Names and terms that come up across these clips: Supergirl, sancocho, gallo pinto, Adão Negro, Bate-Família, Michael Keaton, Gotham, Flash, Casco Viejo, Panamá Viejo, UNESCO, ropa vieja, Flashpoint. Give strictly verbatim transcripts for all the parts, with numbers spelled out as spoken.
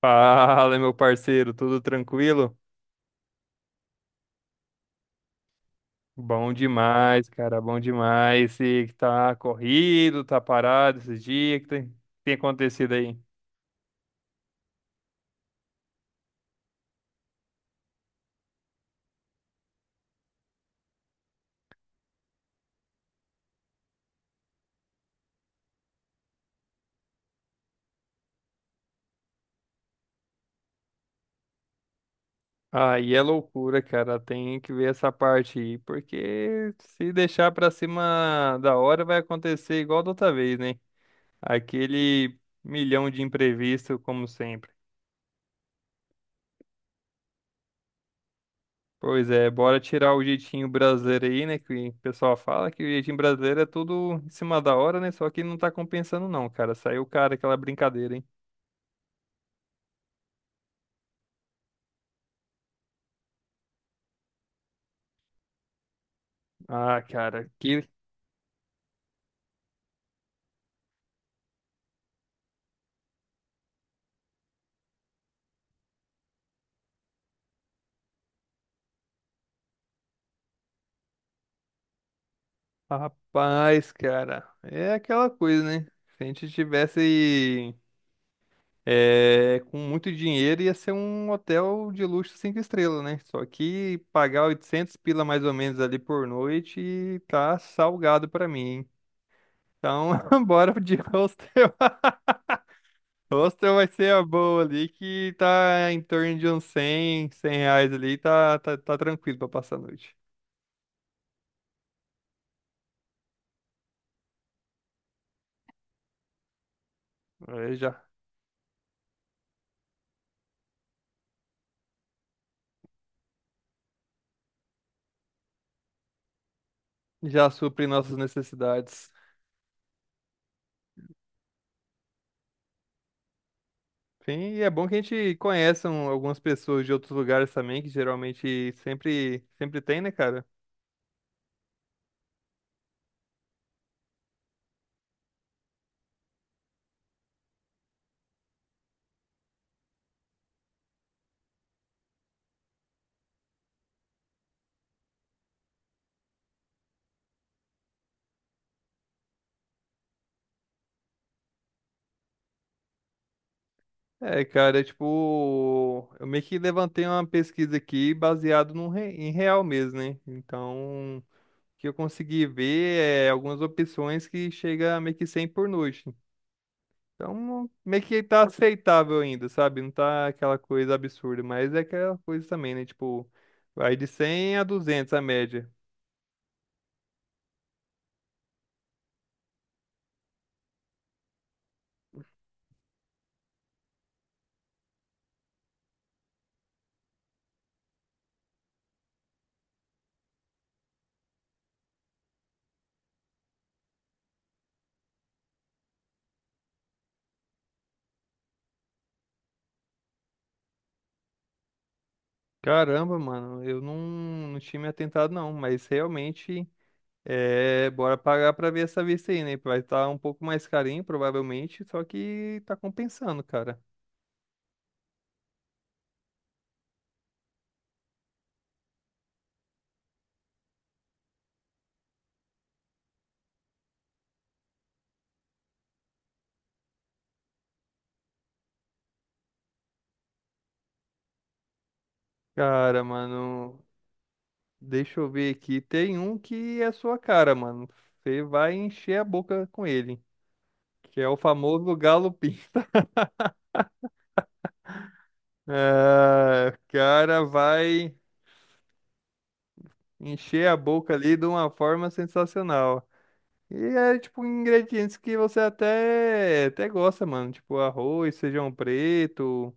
Fala, meu parceiro, tudo tranquilo? Bom demais, cara, bom demais. Sei que tá corrido, tá parado esses dias, que tem, tem acontecido aí? Aí é loucura, cara, tem que ver essa parte aí, porque se deixar pra cima da hora vai acontecer igual da outra vez, né? Aquele milhão de imprevisto, como sempre. Pois é, bora tirar o jeitinho brasileiro aí, né? Que o pessoal fala que o jeitinho brasileiro é tudo em cima da hora, né? Só que não tá compensando, não, cara. Saiu, o cara, aquela brincadeira, hein? Ah, cara, que rapaz, cara. É aquela coisa, né? Se a gente tivesse é, com muito dinheiro, ia ser um hotel de luxo cinco estrelas, né? Só que pagar oitocentos pila mais ou menos ali por noite tá salgado pra mim, hein? Então, bora de hostel. Hostel vai ser a boa ali, que tá em torno de uns cem, cem reais ali, tá, tá, tá tranquilo pra passar a noite. Aí já, já supre nossas necessidades. Sim, e é bom que a gente conheça um- algumas pessoas de outros lugares também, que geralmente sempre, sempre tem, né, cara? É, cara, é tipo, eu meio que levantei uma pesquisa aqui baseado num re- em real mesmo, né? Então, o que eu consegui ver é algumas opções que chega a meio que cem por noite. Então, meio que tá aceitável ainda, sabe? Não tá aquela coisa absurda, mas é aquela coisa também, né? Tipo, vai de cem a duzentos a média. Caramba, mano, eu não, não tinha me atentado não, mas realmente, é, bora pagar pra ver essa vista aí, né? Vai estar um pouco mais carinho, provavelmente, só que tá compensando, cara. Cara, mano, deixa eu ver aqui. Tem um que é sua cara, mano. Você vai encher a boca com ele, que é o famoso galo pinto. Ah, o cara vai encher a boca ali de uma forma sensacional. E é tipo ingredientes que você até, até gosta, mano. Tipo arroz, feijão preto.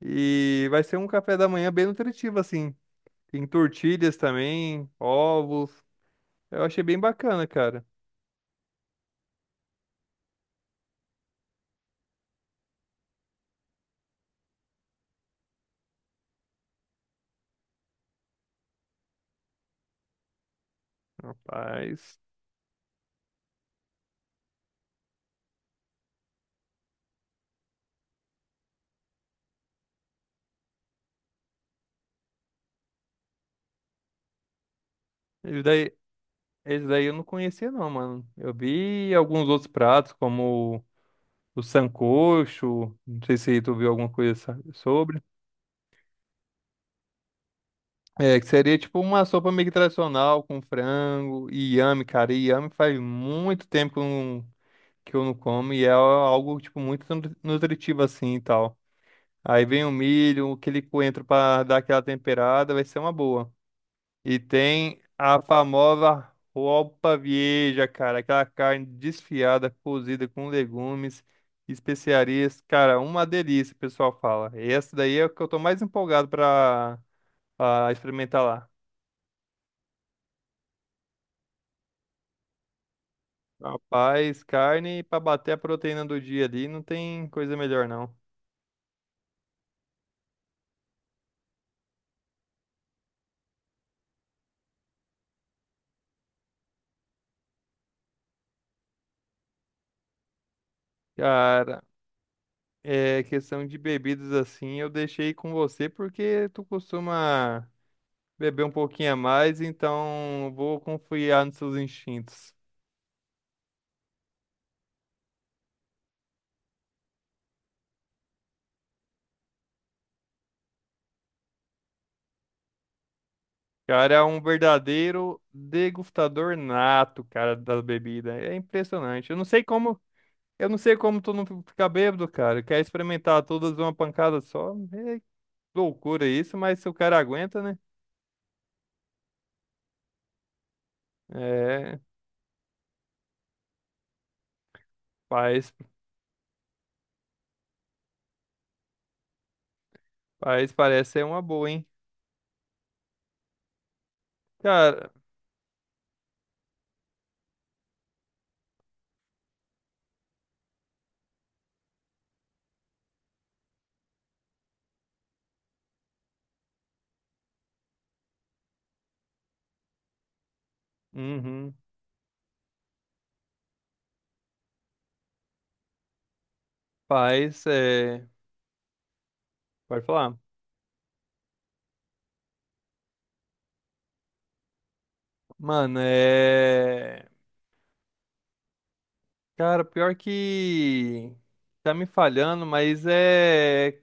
E vai ser um café da manhã bem nutritivo, assim. Tem tortilhas também, ovos. Eu achei bem bacana, cara. Rapaz. Esse daí, esse daí eu não conhecia, não, mano. Eu vi alguns outros pratos, como o sancocho. Não sei se tu viu alguma coisa sa- sobre. É, que seria tipo uma sopa meio que tradicional com frango e inhame, cara. E inhame faz muito tempo que eu não, que eu não como e é algo tipo muito nu- nutritivo assim e tal. Aí vem o milho, aquele coentro pra dar aquela temperada, vai ser uma boa. E tem a famosa roupa vieja, cara, aquela carne desfiada, cozida com legumes, especiarias, cara, uma delícia, o pessoal fala. Essa daí é o que eu tô mais empolgado pra, pra experimentar lá. Rapaz, carne pra bater a proteína do dia ali, não tem coisa melhor não. Cara, é questão de bebidas assim, eu deixei com você porque tu costuma beber um pouquinho a mais, então vou confiar nos seus instintos. Cara, é um verdadeiro degustador nato, cara, da bebida. É impressionante. Eu não sei como, eu não sei como tu não fica bêbado, cara. Quer experimentar todas de uma pancada só? É loucura isso, mas se o cara aguenta, né? É, Paz, paz parece ser uma boa, hein? Cara, uhum. Paz é. Pode falar. Mano, é. Cara, pior que. Tá me falhando, mas é. Se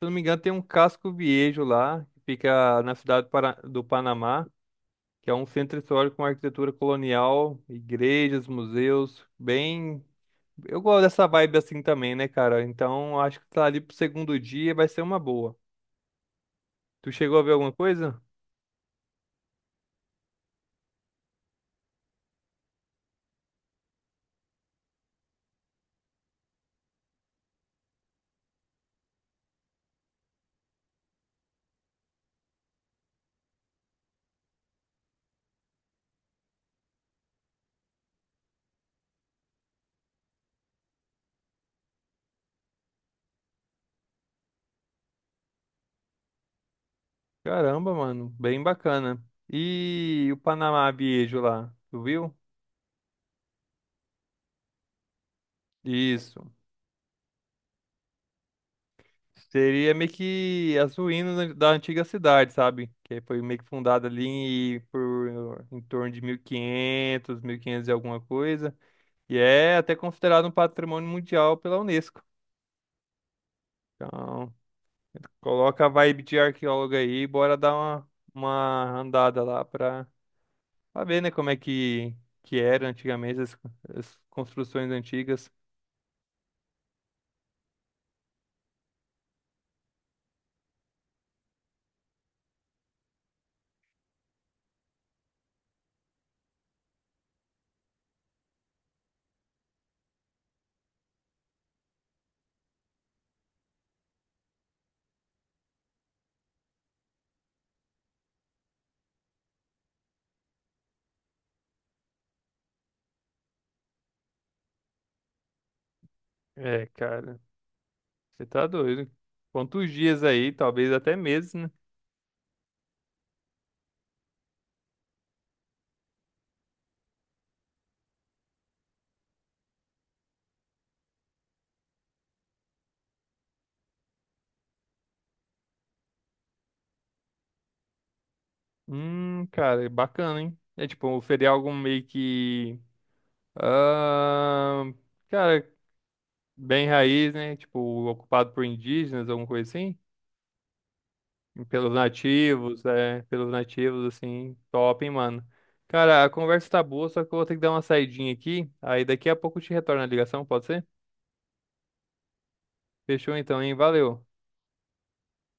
eu não me engano, tem um Casco Viejo lá, que fica na cidade do Para- do Panamá, que é um centro histórico com arquitetura colonial, igrejas, museus, bem. Eu gosto dessa vibe assim também, né, cara? Então acho que tá ali pro segundo dia, vai ser uma boa. Tu chegou a ver alguma coisa? Caramba, mano, bem bacana. E o Panamá Biejo lá, tu viu? Isso. Seria meio que as ruínas da da antiga cidade, sabe? Que foi meio que fundada ali por em torno de mil e quinhentos, mil e quinhentos e quinhentos e alguma coisa. E é até considerado um patrimônio mundial pela Unesco. Então, coloca a vibe de arqueólogo aí, e bora dar uma, uma andada lá pra, pra ver, né, como é que, que era antigamente as, as construções antigas. É, cara, você tá doido. Quantos dias aí, talvez até meses, né? Hum, cara, é bacana, hein? É tipo, feriar algum meio que. Ah, cara, bem raiz, né? Tipo, ocupado por indígenas, alguma coisa assim. Pelos nativos, é. Pelos nativos, assim. Top, hein, mano? Cara, a conversa tá boa, só que eu vou ter que dar uma saidinha aqui. Aí daqui a pouco eu te retorno a ligação, pode ser? Fechou então, hein? Valeu.